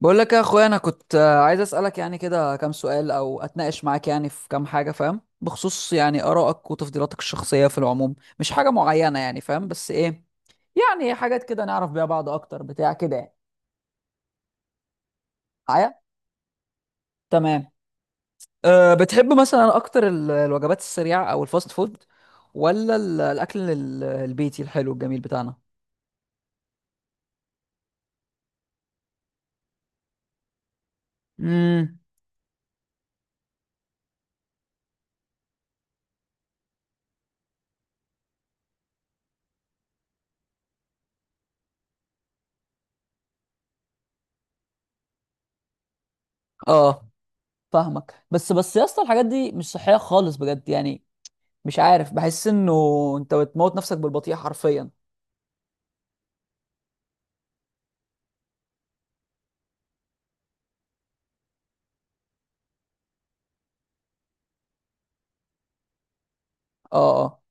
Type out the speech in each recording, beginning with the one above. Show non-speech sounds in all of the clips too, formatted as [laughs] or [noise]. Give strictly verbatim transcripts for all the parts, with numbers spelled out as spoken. بقول لك يا اخويا انا كنت آه، عايز اسالك يعني كده كام سؤال او اتناقش معاك يعني في كام حاجه، فاهم؟ بخصوص يعني ارائك وتفضيلاتك الشخصيه في العموم، مش حاجه معينه يعني، فاهم؟ بس ايه، يعني حاجات كده نعرف بيها بعض اكتر بتاع كده يعني. معايا؟ تمام. أه، بتحب مثلا اكتر ال- الوجبات السريعه او الفاست فود، ولا ال- الاكل ال- البيتي الحلو الجميل بتاعنا؟ امم. اه، فاهمك. بس بس يا اسطى الحاجات دي مش صحيه خالص بجد يعني. مش عارف، بحس انه انت بتموت نفسك بالبطيء حرفيا. اه اه،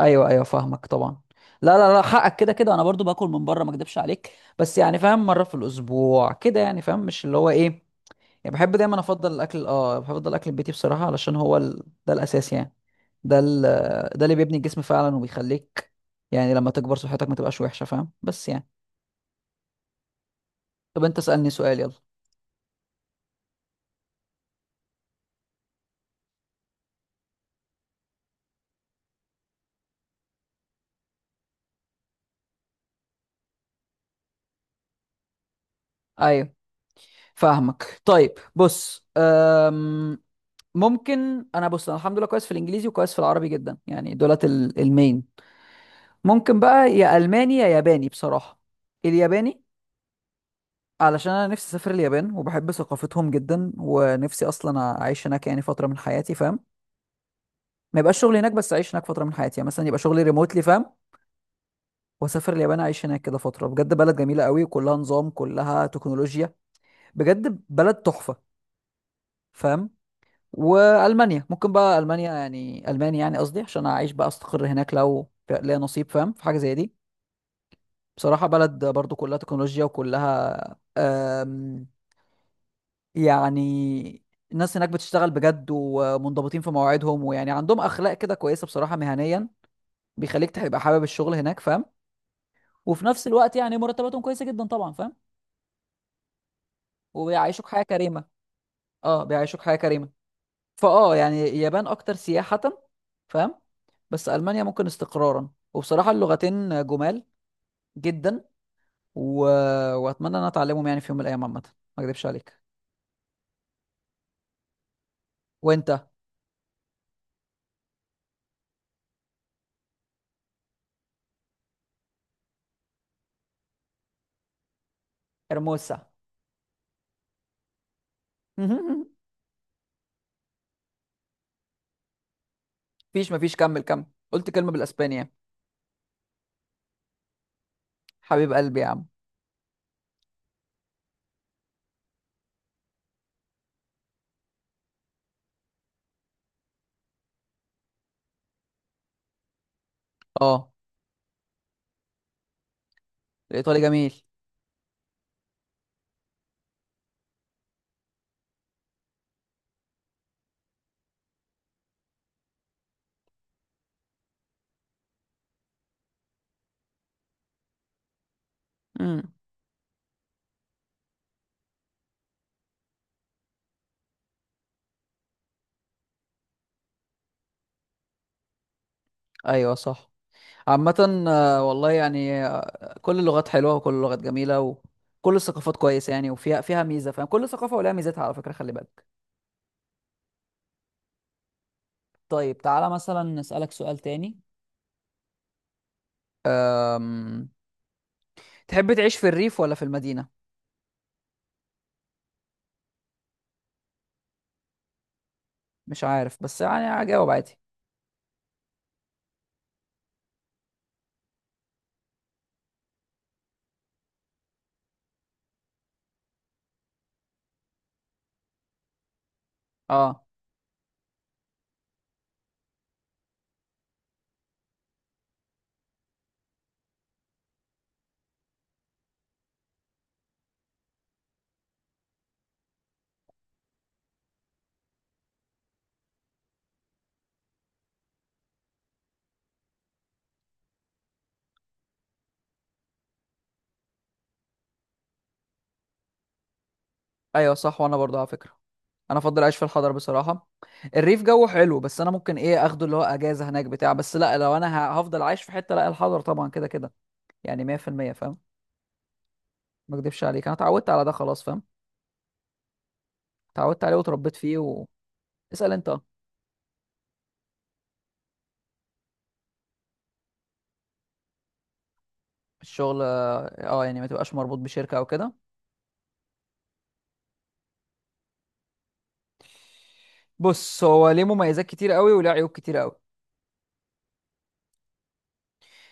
ايوه ايوه فاهمك طبعا. لا لا لا، حقك، كده كده انا برضو باكل من بره، ما اكدبش عليك. بس يعني فاهم، مره في الاسبوع كده يعني، فاهم؟ مش اللي هو ايه يعني. بحب دايما افضل الاكل، اه بفضل الاكل البيتي بصراحه، علشان هو ال... ده الاساس يعني. ده ال... ده اللي بيبني الجسم فعلا، وبيخليك يعني لما تكبر صحتك ما تبقاش وحشه، فاهم؟ بس يعني. طب انت اسالني سؤال، يلا. ايوه فاهمك. طيب بص، أم... ممكن انا، بص انا الحمد لله كويس في الانجليزي وكويس في العربي جدا يعني، دولت ال- المين. ممكن بقى يا الماني يا ياباني بصراحه. الياباني علشان انا نفسي اسافر اليابان، وبحب ثقافتهم جدا، ونفسي اصلا اعيش هناك يعني فتره من حياتي، فاهم؟ ما يبقاش شغلي هناك، بس اعيش هناك فتره من حياتي، يعني مثلا يبقى شغلي ريموتلي، فاهم؟ واسافر اليابان اعيش هناك كده فتره. بجد بلد جميله قوي، كلها نظام كلها تكنولوجيا، بجد بلد تحفه، فاهم؟ والمانيا ممكن بقى، المانيا يعني، المانيا يعني قصدي عشان اعيش بقى، استقر هناك لو ف- ليا نصيب، فاهم؟ في حاجه زي دي. بصراحه بلد برضو كلها تكنولوجيا وكلها، آم، يعني الناس هناك بتشتغل بجد، ومنضبطين في مواعيدهم، ويعني عندهم اخلاق كده كويسه بصراحه مهنيا، بيخليك تبقى حابب الشغل هناك، فاهم؟ وفي نفس الوقت يعني مرتباتهم كويسه جدا طبعا، فاهم؟ وبيعيشوك حياه كريمه. اه بيعيشوك حياه كريمه. فاه، يعني اليابان اكتر سياحة، فاهم؟ بس المانيا ممكن استقرارا. وبصراحة اللغتين جمال جدا، و... واتمنى ان أنا اتعلمهم يعني في يوم من الايام عامة، ما اكذبش عليك. وانت؟ ارموسا. [laughs] مفيش مفيش، كمل كمل. قلت كلمة بالاسباني يعني. حبيب قلبي يا عم. اه، الايطالي جميل. امم. ايوه صح. عامة آه، والله يعني، آه، كل اللغات حلوة وكل اللغات جميلة وكل الثقافات كويسة يعني، وفيها فيها ميزة، فاهم؟ كل ثقافة ولها ميزتها، على فكرة خلي بالك. طيب تعالى مثلا نسألك سؤال تاني. أم... تحب تعيش في الريف ولا في المدينة؟ مش عارف، بس يعني هجاوب عادي. اه، ايوه صح. وانا برضه على فكرة انا افضل اعيش في الحضر بصراحة. الريف جو حلو، بس انا ممكن ايه اخده اللي هو اجازة هناك بتاع، بس لا، لو انا ه- هفضل عايش في حتة لا الحضر طبعا، كده كده يعني مية في المية، فاهم؟ ما اكدبش عليك، انا اتعودت على ده خلاص، فاهم؟ اتعودت عليه واتربيت فيه و... اسأل انت. الشغل، اه يعني ما تبقاش مربوط بشركة او كده. بص هو ليه مميزات كتير قوي، وليه عيوب كتير قوي.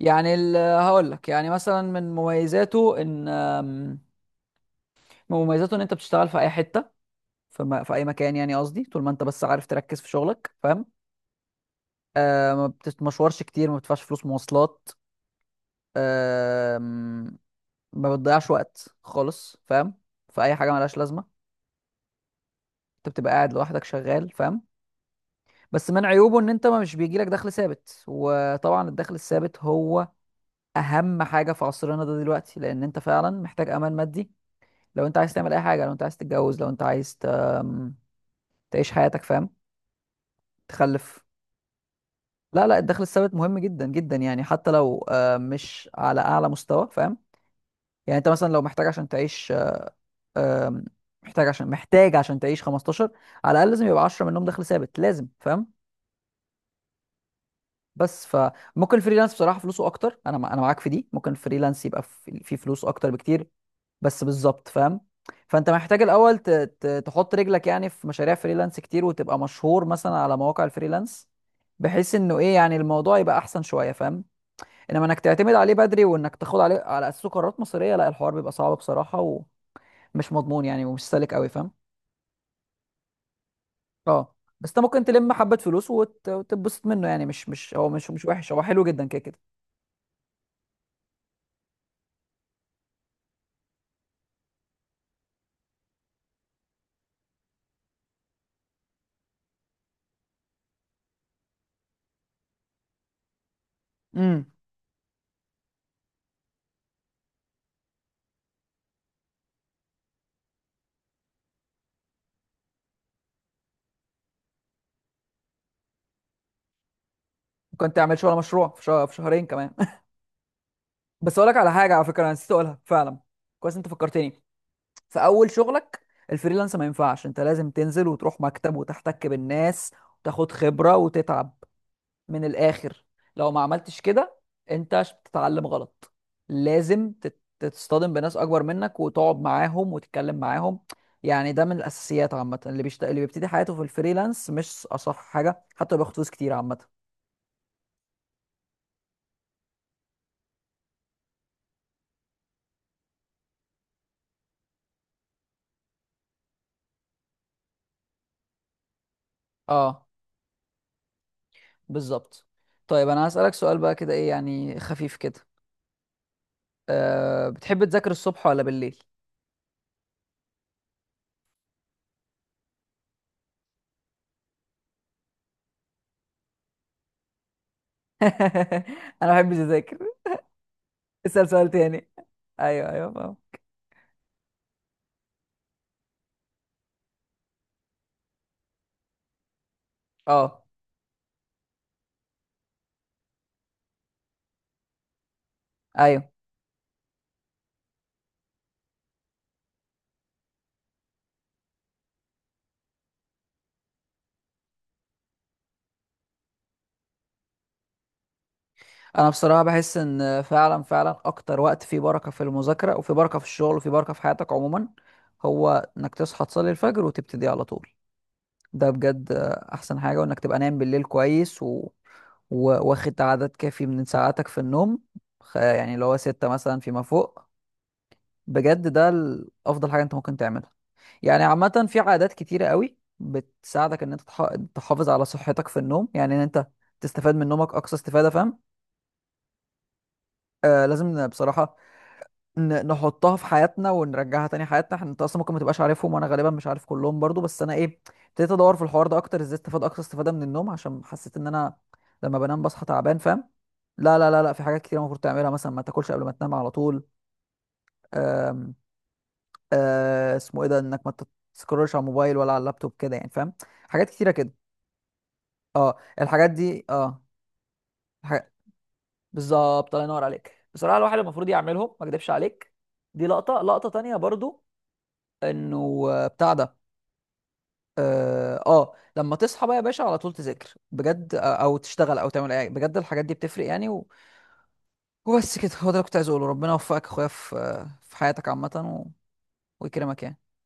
يعني ال- هقول لك يعني، مثلا من مميزاته ان آم، من مميزاته ان انت بتشتغل في اي حته، في, م... في اي مكان، يعني قصدي طول ما انت بس عارف تركز في شغلك، فاهم؟ آه، ما بتتمشورش كتير، ما بتدفعش فلوس مواصلات، آه، ما بتضيعش وقت خالص، فاهم؟ في اي حاجه ملهاش لازمه. انت بتبقى قاعد لوحدك شغال، فاهم؟ بس من عيوبه ان انت ما، مش بيجيلك دخل ثابت. وطبعا الدخل الثابت هو اهم حاجه في عصرنا ده دلوقتي، لان انت فعلا محتاج امان مادي. لو انت عايز تعمل اي حاجه، لو انت عايز تتجوز، لو انت عايز ت... أم، تعيش حياتك، فاهم؟ تخلف. لا لا، الدخل الثابت مهم جدا جدا يعني، حتى لو آه، مش على اعلى مستوى، فاهم؟ يعني انت مثلا لو محتاج عشان تعيش آه، آم، محتاج عشان محتاج عشان تعيش خمستاشر، على الاقل لازم يبقى عشرة منهم دخل ثابت لازم، فاهم؟ بس فممكن الفريلانس بصراحه فلوسه اكتر، انا مع- انا معاك في دي. ممكن الفريلانس يبقى في، في فلوس اكتر بكتير. بس بالظبط، فاهم؟ فانت محتاج الاول ت- ت- تحط رجلك يعني في مشاريع فريلانس كتير، وتبقى مشهور مثلا على مواقع الفريلانس، بحيث انه ايه يعني، الموضوع يبقى احسن شويه، فاهم؟ انما انك تعتمد عليه بدري، وانك تاخد عليه على اساسه قرارات مصيريه، لا، الحوار بيبقى صعب بصراحه، ومش مضمون يعني، ومش سالك قوي، فاهم؟ اه. بس انت ممكن تلم حبه فلوس وت- وتتبسط منه يعني، مش مش هو، مش مش وحش، هو حلو جدا كده كده. امم. ممكن تعمل شغل مشروع في شه- في شهرين كمان. [laughs] بس اقول لك على حاجه، على فكره انا نسيت اقولها فعلا، كويس انت فكرتني. في اول شغلك الفريلانس ما ينفعش، انت لازم تنزل وتروح مكتب وتحتك بالناس، وتاخد خبرة وتتعب، من الاخر. لو ما عملتش كده انت ش- بتتعلم غلط. لازم تت- تتصطدم بناس اكبر منك، وتقعد معاهم وتتكلم معاهم. يعني ده من الاساسيات عامة، اللي بيشت... اللي بيبتدي حياته في الفريلانس مش اصح حاجة، حتى لو بياخد فلوس كتير عامة. اه بالظبط. طيب انا هسألك سؤال بقى كده، ايه يعني خفيف كده. أه، بتحب تذاكر الصبح ولا بالليل؟ [laughs] انا ما بحبش اذاكر، اسال سؤال تاني. ايوه ايوه فاهم. اه ايوه، انا بصراحه بحس ان فعلا فعلا اكتر وقت فيه بركه في المذاكره، وفي بركه في الشغل، وفي بركه في حياتك عموما، هو انك تصحى تصلي الفجر وتبتدي على طول. ده بجد احسن حاجه. وانك تبقى نايم بالليل كويس و... و... واخد عدد كافي من ساعاتك في النوم، خ- يعني اللي هو ستة مثلا فيما فوق. بجد ده ال- افضل حاجه انت ممكن تعملها. يعني عامة في عادات كتيرة قوي بتساعدك ان انت تح- تحافظ على صحتك في النوم، يعني ان انت تستفاد من نومك اقصى استفادة، فاهم؟ آه لازم ن- بصراحة ن- نحطها في حياتنا ونرجعها تاني حياتنا احنا. انت اصلا ممكن ما تبقاش عارفهم، وانا غالبا مش عارف كلهم برضو، بس انا ايه، ابتديت ادور في الحوار ده اكتر، ازاي استفاد اقصى استفادة من النوم، عشان حسيت ان انا لما بنام بصحى تعبان، فاهم؟ لا لا لا لا، في حاجات كتير المفروض تعملها، مثلا ما تاكلش قبل ما تنام على طول. آم، آه اسمه ايه ده، انك ما تسكرولش على الموبايل ولا على اللابتوب كده يعني، فاهم؟ حاجات كتيرة كده. اه الحاجات دي اه. الحاجات... بالظبط، الله ينور عليك بصراحه، الواحد المفروض يعملهم، ما اكدبش عليك. دي لقطه، لقطه تانية برضو، انه آه، بتاع ده، اه آه، لما تصحى بقى يا باشا على طول تذاكر بجد، آه، او تشتغل او تعمل اي بجد، الحاجات دي بتفرق يعني و... وبس كده. هو ده اللي كنت عايز اقوله، ربنا يوفقك يا اخويا في آه، في حياتك عامه، و ويكرمك يعني.